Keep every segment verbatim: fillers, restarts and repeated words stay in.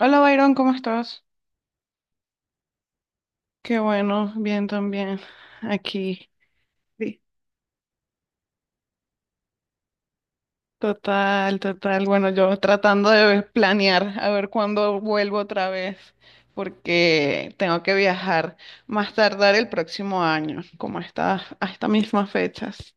Hola Byron, ¿cómo estás? Qué bueno, bien también. Aquí. Sí. Total, total. Bueno, yo tratando de planear a ver cuándo vuelvo otra vez, porque tengo que viajar más tardar el próximo año, como a estas, a estas mismas fechas.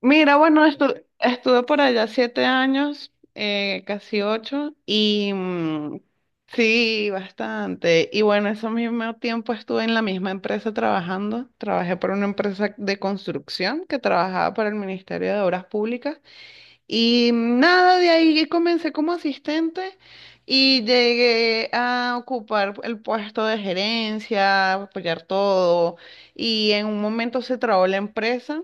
Mira, bueno, estu- estuve por allá siete años, eh, casi ocho, y mm, sí, bastante. Y bueno, ese mismo tiempo estuve en la misma empresa trabajando. Trabajé por una empresa de construcción que trabajaba para el Ministerio de Obras Públicas. Y nada, de ahí comencé como asistente y llegué a ocupar el puesto de gerencia, apoyar todo. Y en un momento se trabó la empresa.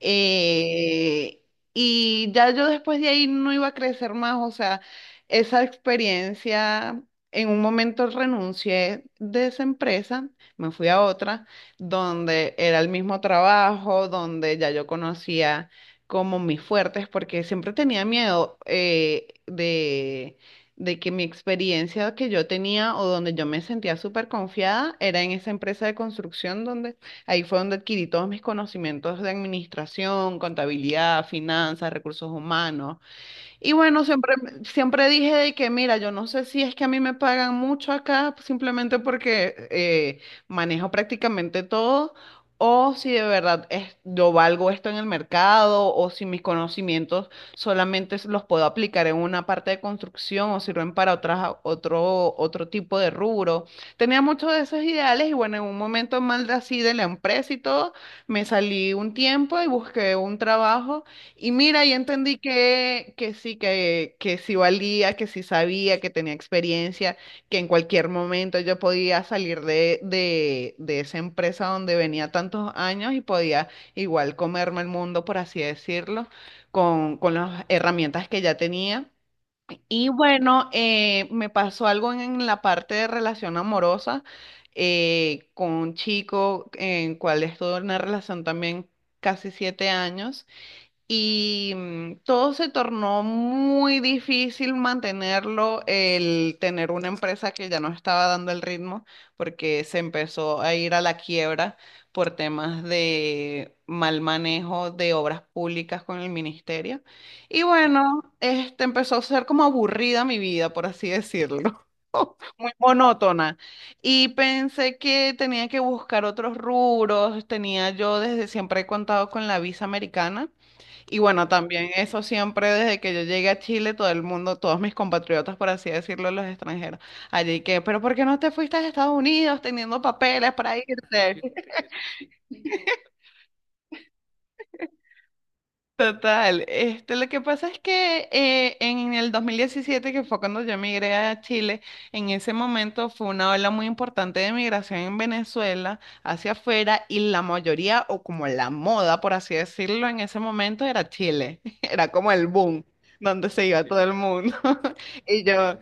eh, y ya yo después de ahí no iba a crecer más. O sea, esa experiencia, en un momento renuncié de esa empresa, me fui a otra, donde era el mismo trabajo, donde ya yo conocía como mis fuertes, porque siempre tenía miedo eh, de, de que mi experiencia que yo tenía o donde yo me sentía súper confiada era en esa empresa de construcción donde ahí fue donde adquirí todos mis conocimientos de administración, contabilidad, finanzas, recursos humanos, y bueno, siempre, siempre dije de que, mira, yo no sé si es que a mí me pagan mucho acá simplemente porque eh, manejo prácticamente todo, o si de verdad es, yo valgo esto en el mercado, o si mis conocimientos solamente s- los puedo aplicar en una parte de construcción o sirven para otras, otro, otro tipo de rubro. Tenía muchos de esos ideales y bueno, en un momento mal de así de la empresa y todo, me salí un tiempo y busqué un trabajo y mira, y entendí que, que sí, que, que sí valía, que sí sabía, que tenía experiencia, que en cualquier momento yo podía salir de, de, de esa empresa donde venía tantos años y podía igual comerme el mundo, por así decirlo, con, con las herramientas que ya tenía. Y bueno, eh, me pasó algo en, en la parte de relación amorosa eh, con un chico en cual estuve en una relación también casi siete años. Y mm, todo se tornó muy difícil mantenerlo, el tener una empresa que ya no estaba dando el ritmo, porque se empezó a ir a la quiebra por temas de mal manejo de obras públicas con el ministerio. Y bueno, este empezó a ser como aburrida mi vida, por así decirlo, muy monótona. Y pensé que tenía que buscar otros rubros, tenía yo desde siempre he contado con la visa americana. Y bueno, también eso siempre desde que yo llegué a Chile, todo el mundo, todos mis compatriotas, por así decirlo, los extranjeros, allí que, pero ¿por qué no te fuiste a Estados Unidos teniendo papeles para irte? Total, este, lo que pasa es que eh, en el dos mil diecisiete, que fue cuando yo emigré a Chile, en ese momento fue una ola muy importante de migración en Venezuela hacia afuera y la mayoría, o como la moda, por así decirlo, en ese momento era Chile, era como el boom, donde se iba todo el mundo. Y yo,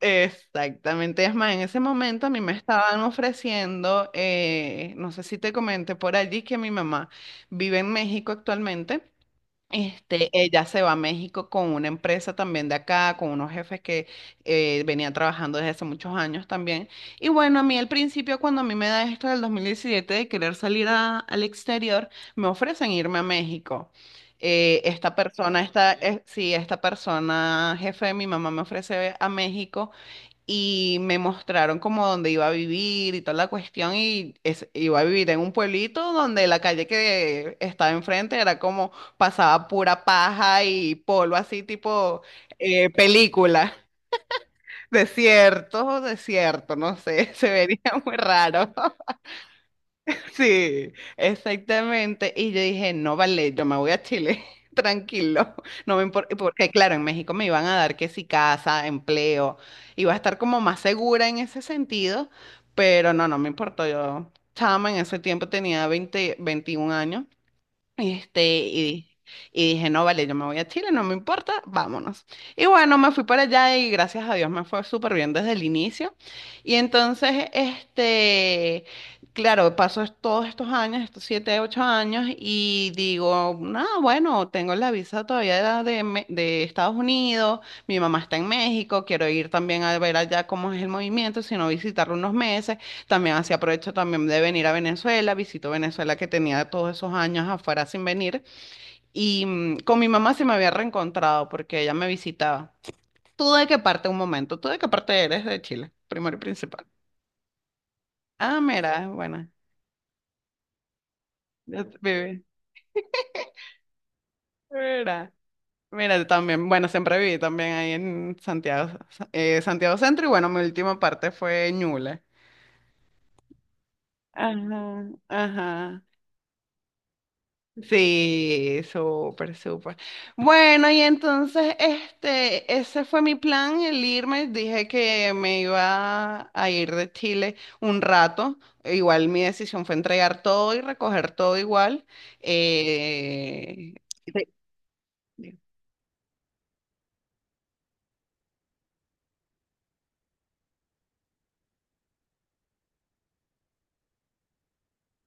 exactamente, es más, en ese momento a mí me estaban ofreciendo, eh, no sé si te comenté por allí, que mi mamá vive en México actualmente. Este, ella se va a México con una empresa también de acá, con unos jefes que eh, venían trabajando desde hace muchos años también. Y bueno, a mí al principio, cuando a mí me da esto del dos mil diecisiete de querer salir a- al exterior, me ofrecen irme a México. Eh, esta persona, esta, eh, sí, esta persona, jefe de mi mamá, me ofrece a México y me mostraron como dónde iba a vivir y toda la cuestión y es- iba a vivir en un pueblito donde la calle que estaba enfrente era como pasaba pura paja y polvo así tipo eh, película. Desierto, desierto, no sé, se vería muy raro. Sí, exactamente. Y yo dije, no vale, yo me voy a Chile, tranquilo. No me importa, porque claro, en México me iban a dar que si casa, empleo, iba a estar como más segura en ese sentido, pero no, no me importó. Yo, chama, en ese tiempo tenía veinte, veintiún años este, y, y dije, no, vale, yo me voy a Chile, no me importa, vámonos. Y bueno, me fui para allá y gracias a Dios me fue súper bien desde el inicio. Y entonces, este, claro, pasó es- todos estos años, estos siete, ocho años, y digo, no, bueno, tengo la visa todavía de, Me- de Estados Unidos, mi mamá está en México, quiero ir también a ver allá cómo es el movimiento, sino visitarlo unos meses también así aprovecho también de venir a Venezuela, visito Venezuela que tenía todos esos años afuera sin venir y mm, con mi mamá se me había reencontrado porque ella me visitaba. ¿Tú de qué parte, un momento, tú de qué parte eres de Chile, primero y principal? Ah, mira, bueno, yo t- viví, mira, mira, yo también, bueno, siempre viví también ahí en Santiago, eh, Santiago Centro y bueno, mi última parte fue Ñuble. Ajá, ajá. Sí, súper, súper. Bueno, y entonces este, ese fue mi plan, el irme. Dije que me iba a ir de Chile un rato. Igual mi decisión fue entregar todo y recoger todo igual. Eh, Sí.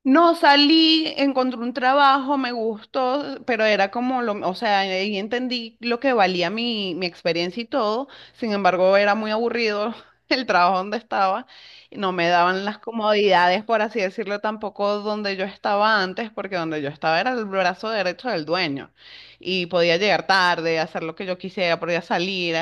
No, salí, encontré un trabajo, me gustó, pero era como lo, o sea, ahí entendí lo que valía mi, mi experiencia y todo. Sin embargo, era muy aburrido el trabajo donde estaba. Y no me daban las comodidades, por así decirlo, tampoco donde yo estaba antes, porque donde yo estaba era el brazo derecho del dueño. Y podía llegar tarde, hacer lo que yo quisiera, podía salir.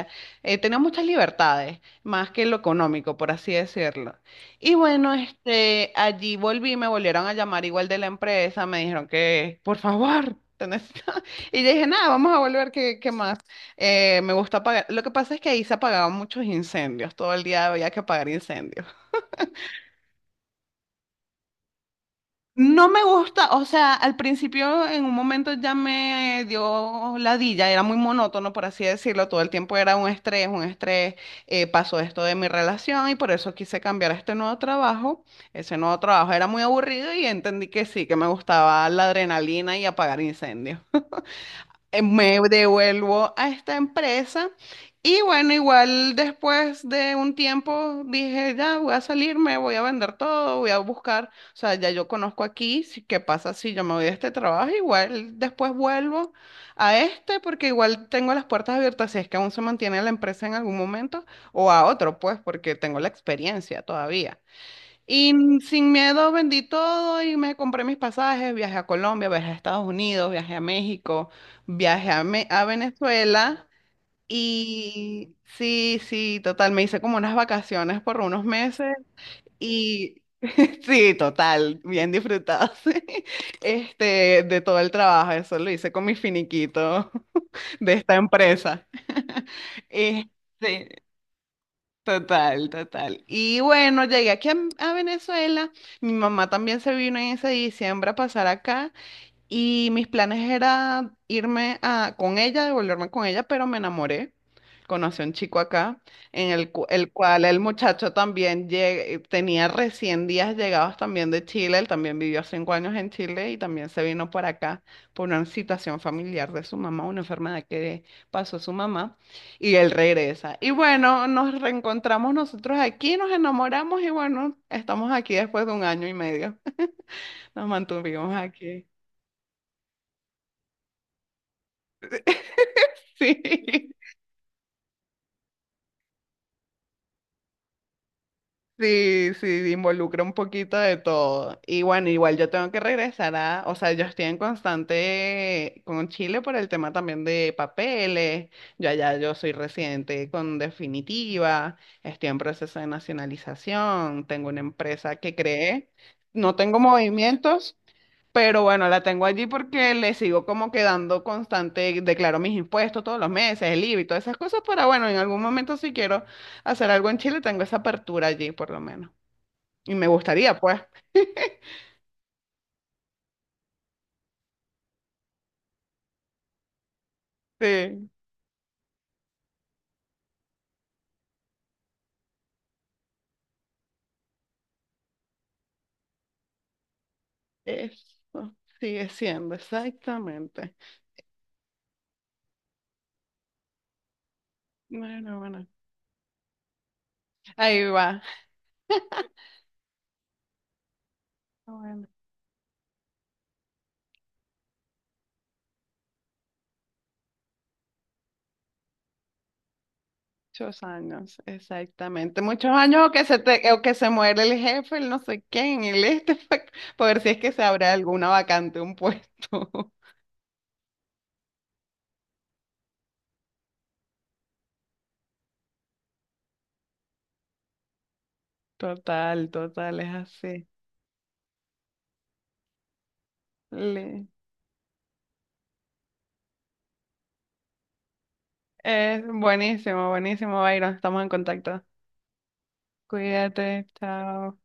eh, Tenía muchas libertades, más que lo económico, por así decirlo. Y bueno, este, allí volví, me volvieron a llamar igual de la empresa, me dijeron que, por favor, te necesito. Y yo dije, nada, vamos a volver, ¿qué, qué más? Eh, me gusta apagar. Lo que pasa es que ahí se apagaban muchos incendios, todo el día había que apagar incendios. No me gusta, o sea, al principio en un momento ya me dio ladilla, era muy monótono, por así decirlo, todo el tiempo era un estrés, un estrés, eh, pasó esto de mi relación y por eso quise cambiar a este nuevo trabajo. Ese nuevo trabajo era muy aburrido y entendí que sí, que me gustaba la adrenalina y apagar incendios eh, me devuelvo a esta empresa y bueno, igual después de un tiempo dije, ya voy a salirme, voy a vender todo, voy a buscar, o sea, ya yo conozco aquí, si- qué pasa si yo me voy de este trabajo, igual después vuelvo a este porque igual tengo las puertas abiertas si es que aún se mantiene la empresa en algún momento o a otro, pues porque tengo la experiencia todavía. Y mm, sin miedo vendí todo y me compré mis pasajes, viajé a Colombia, viajé a Estados Unidos, viajé a México, viajé a, Me- a Venezuela y sí, sí, total, me hice como unas vacaciones por unos meses y sí, total, bien disfrutado, sí, este, de todo el trabajo, eso lo hice con mi finiquito de esta empresa. Este, total, total. Y bueno, llegué aquí a, a Venezuela. Mi mamá también se vino en ese diciembre a pasar acá. Y mis planes era irme a, con ella, devolverme con ella, pero me enamoré. Conocí a un chico acá, en el, cu- el cual el muchacho también lle- tenía recién días llegados también de Chile. Él también vivió cinco años en Chile y también se vino para acá por una situación familiar de su mamá, una enfermedad que pasó su mamá. Y él regresa. Y bueno, nos reencontramos nosotros aquí, nos enamoramos y bueno, estamos aquí después de un año y medio. Nos mantuvimos aquí. Sí. Sí, sí, involucra un poquito de todo. Y bueno, igual yo tengo que regresar a, o sea, yo estoy en constante con Chile por el tema también de papeles. Yo allá yo soy residente con definitiva, estoy en proceso de nacionalización, tengo una empresa que creé, no tengo movimientos, pero bueno, la tengo allí porque le sigo como quedando constante, declaro mis impuestos todos los meses, el I V A y todas esas cosas, para bueno, en algún momento si quiero hacer algo en Chile, tengo esa apertura allí por lo menos. Y me gustaría, pues. Sí, eso sigue siendo exactamente. Bueno, bueno, ahí va. Bueno, muchos años, exactamente. Muchos años o que se te, o que se muere el jefe, el no sé quién, el este, para ver si es que se abre alguna vacante, un puesto. Total, total, es así. Le- Es buenísimo, buenísimo, Byron. Estamos en contacto. Cuídate, chao.